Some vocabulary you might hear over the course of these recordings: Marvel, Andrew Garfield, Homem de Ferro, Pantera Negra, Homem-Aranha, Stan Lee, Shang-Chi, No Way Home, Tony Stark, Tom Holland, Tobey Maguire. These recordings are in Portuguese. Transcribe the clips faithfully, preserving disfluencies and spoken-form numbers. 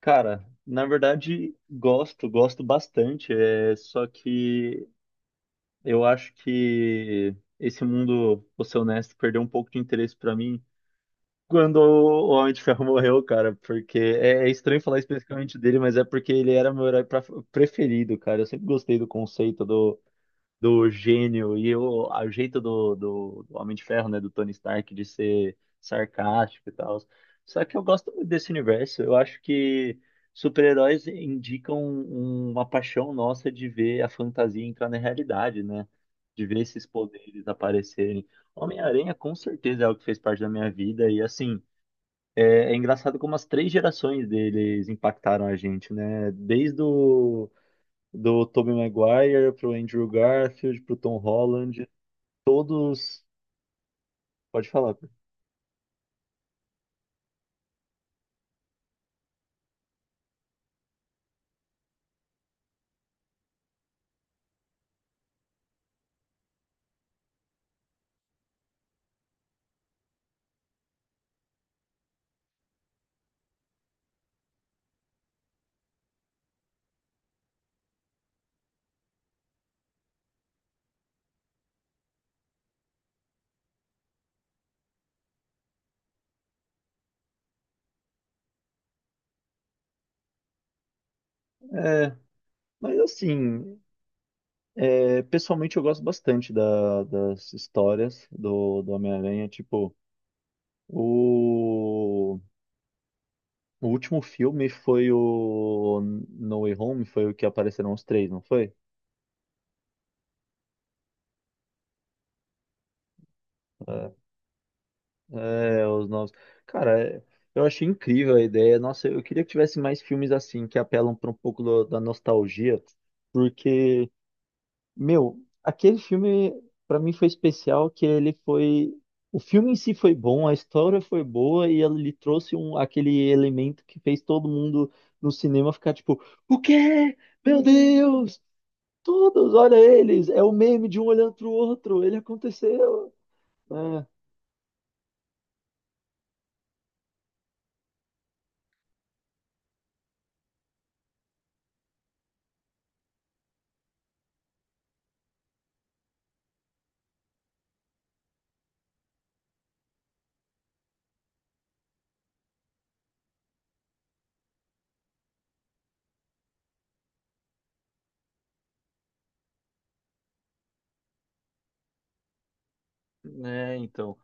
Cara, na verdade, gosto, gosto bastante. É, só que eu acho que esse mundo, vou ser honesto, perdeu um pouco de interesse pra mim quando o Homem de Ferro morreu, cara. Porque é, é estranho falar especificamente dele, mas é porque ele era meu herói pra- preferido, cara. Eu sempre gostei do conceito do, do gênio e o, a- o jeito do, do, do Homem de Ferro, né, do Tony Stark, de ser sarcástico e tal. Só que eu gosto muito desse universo. Eu acho que super-heróis indicam um- uma paixão nossa de ver a fantasia entrar na realidade, né? De ver esses poderes aparecerem. Homem-Aranha com certeza é algo que fez parte da minha vida e assim. É, é engraçado como as três gerações deles impactaram a gente, né? Desde o, do Tobey Maguire pro Andrew Garfield, pro Tom Holland, todos. Pode falar. Cara. É, mas assim, é, pessoalmente eu gosto bastante da- das histórias do, do Homem-Aranha. Tipo, o, o último filme foi o No Way Home, foi o que apareceram os três, não foi? É, é, os novos. Cara, é, eu achei incrível a ideia. Nossa, eu queria que tivesse mais filmes assim, que apelam para um pouco do- da nostalgia, porque meu, aquele filme pra mim foi especial que ele foi o filme em si foi bom, a história foi boa e ele trouxe um aquele elemento que fez todo mundo no cinema ficar tipo, o quê? Meu Deus! Todos, olha eles, é o meme de um olhando pro outro, ele aconteceu. É, né, então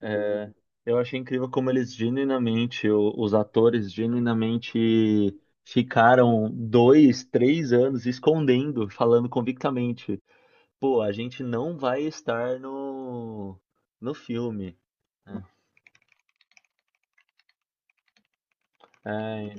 é, eu achei incrível como eles genuinamente, o- os atores genuinamente ficaram dois, três anos escondendo, falando convictamente, pô, a gente não vai estar no, no filme. É,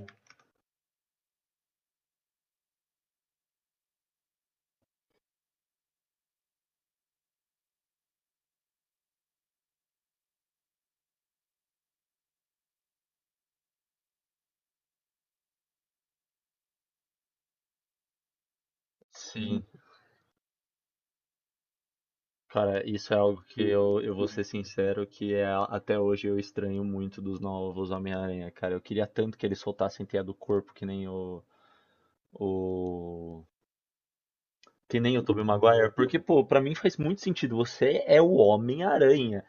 sim, cara, isso é algo que eu, eu vou ser sincero, que é, a- até hoje eu estranho muito dos novos Homem-Aranha, cara. Eu queria tanto que eles soltassem teia do corpo, que nem o, o que nem o Tobey Maguire. Porque, pô, pra mim faz muito sentido. Você é o Homem-Aranha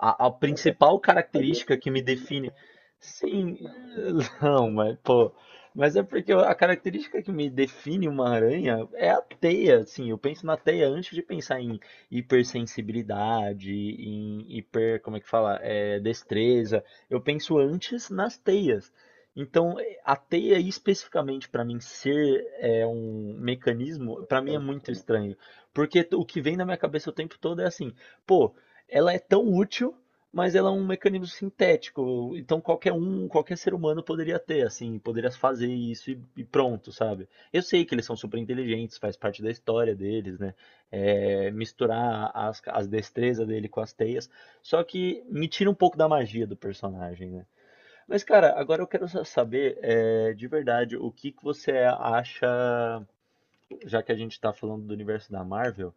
a, a principal característica que me define. Sim, não, mas pô. Mas é porque eu- a característica que me define uma aranha é a teia, assim. Eu penso na teia antes de pensar em hipersensibilidade, em hiper, como é que fala? É, destreza. Eu penso antes nas teias. Então, eh, a teia especificamente para mim ser é, um mecanismo, para mim é muito estranho. Porque o que vem na minha cabeça o tempo todo é assim, pô, ela é tão útil, mas ela é um mecanismo sintético. Então qualquer um, qualquer ser humano poderia ter, assim, poderia fazer isso e, e pronto, sabe? Eu sei que eles são super inteligentes, faz parte da história deles, né? É, misturar as, as destrezas dele com as teias. Só que me tira um pouco da magia do personagem, né? Mas, cara, agora eu quero sa- saber, é, de verdade, o que que você acha, já que a gente tá falando do universo da Marvel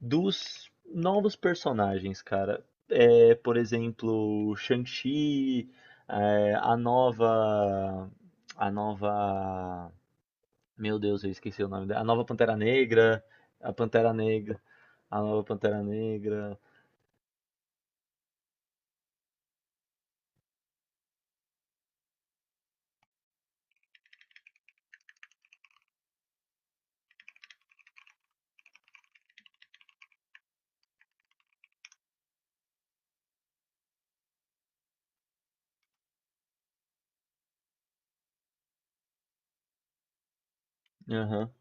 dos novos personagens, cara. É, por exemplo, Shang-Chi, é, a nova. A nova. Meu Deus, eu esqueci o nome dela. A nova Pantera Negra. A Pantera Negra. A nova Pantera Negra. Aham.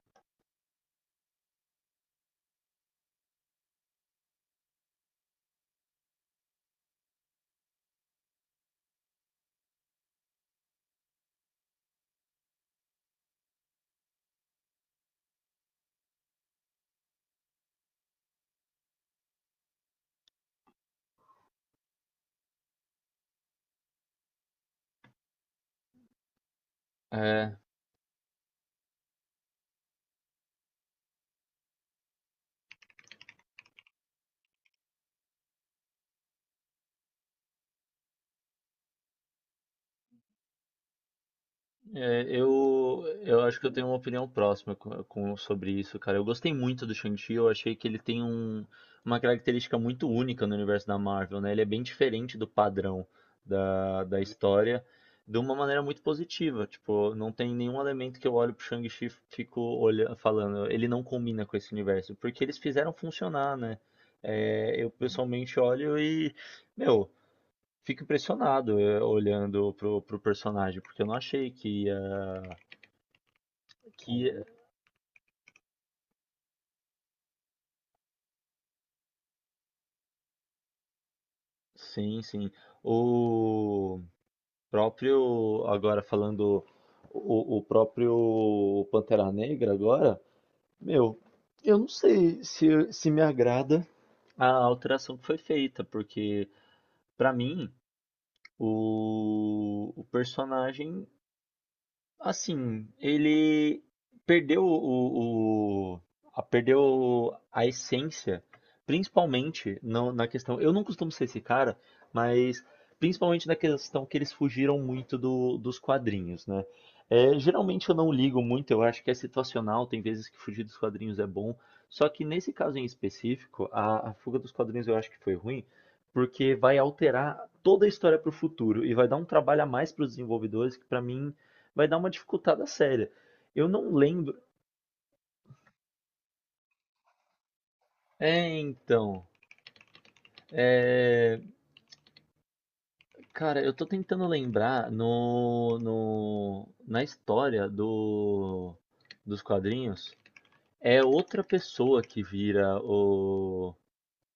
É, é, eu, eu acho que eu tenho uma opinião próxima com, com- sobre isso, cara. Eu gostei muito do Shang-Chi, eu achei que ele tem um- uma característica muito única no universo da Marvel, né? Ele é bem diferente do padrão da, da história, de uma maneira muito positiva. Tipo, não tem nenhum elemento que eu olho pro Shang-Chi e fico olha, falando, ele não combina com esse universo, porque eles fizeram funcionar, né? É, eu pessoalmente olho e, meu, fico impressionado é, olhando pro, pro personagem, porque eu não achei que que sim, sim. O próprio agora falando o, o próprio Pantera Negra agora, meu, eu não sei se se me agrada a alteração que foi feita, porque pra mim o, o personagem assim, ele perdeu o, o- a, perdeu a essência, principalmente no- na questão. Eu não costumo ser esse cara, mas principalmente na questão que eles fugiram muito do- dos quadrinhos, né? É, geralmente eu não ligo muito, eu acho que é situacional, tem vezes que fugir dos quadrinhos é bom. Só que nesse caso em específico, a, a fuga dos quadrinhos eu acho que foi ruim, porque vai alterar toda a história para o futuro e vai dar um trabalho a mais para os desenvolvedores que para mim vai dar uma dificultada séria. Eu não lembro. É, então. Cara, eu tô tentando lembrar no, no, na história do, dos quadrinhos. É outra pessoa que vira o,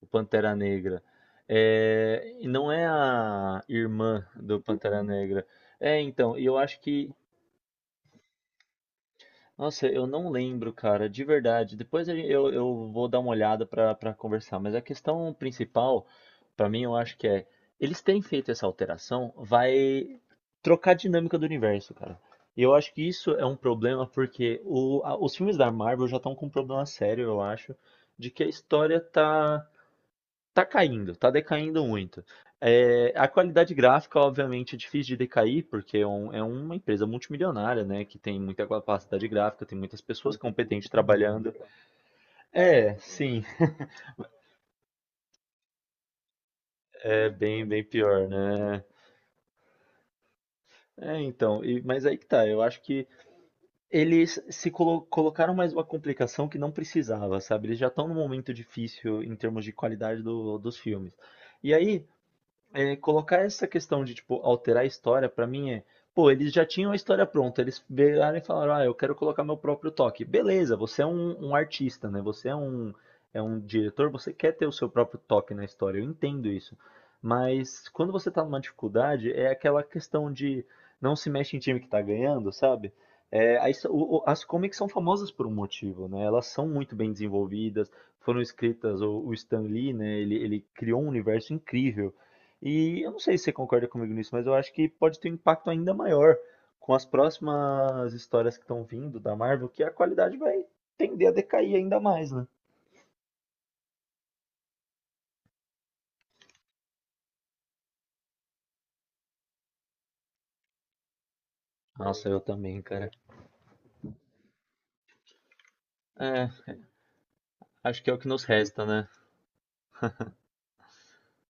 o Pantera Negra. É, e não é a irmã do Pantera Negra. É, então, e eu acho que nossa, eu não lembro, cara, de verdade. Depois a gen- eu, eu vou dar uma olhada pra pra conversar, mas a questão principal, pra mim, eu acho que é, eles terem feito essa alteração vai trocar a dinâmica do universo, cara. E eu acho que isso é um problema porque o- a- os filmes da Marvel já estão com um problema sério, eu acho, de que a história tá tá caindo, tá decaindo muito. É, a qualidade gráfica, obviamente, é difícil de decair, porque é, um- é uma empresa multimilionária, né? Que tem muita capacidade gráfica, tem muitas pessoas competentes trabalhando. É, sim, é bem, bem pior, né? É, então, e- mas aí que tá, eu acho que eles se colo- colocaram mais uma complicação que não precisava, sabe? Eles já estão num momento difícil em termos de qualidade do- dos filmes. E aí, é, colocar essa questão de, tipo, alterar a história, pra mim é. Pô, eles já tinham a história pronta, eles viraram e falaram, ah, eu quero colocar meu próprio toque. Beleza, você é um, um artista, né? Você é um, é um diretor, você quer ter o seu próprio toque na história, eu entendo isso. Mas quando você tá numa dificuldade, é aquela questão de não se mexe em time que tá ganhando, sabe? É, aí so- o- o- as comics são famosas por um motivo, né? Elas são muito bem desenvolvidas, foram escritas, o, o Stan Lee, né? Ele, ele criou um universo incrível. E eu não sei se você concorda comigo nisso, mas eu acho que pode ter um impacto ainda maior com as próximas histórias que estão vindo da Marvel, que a qualidade vai tender a decair ainda mais, né? Nossa, eu também, cara. É, acho que é o que nos resta, né?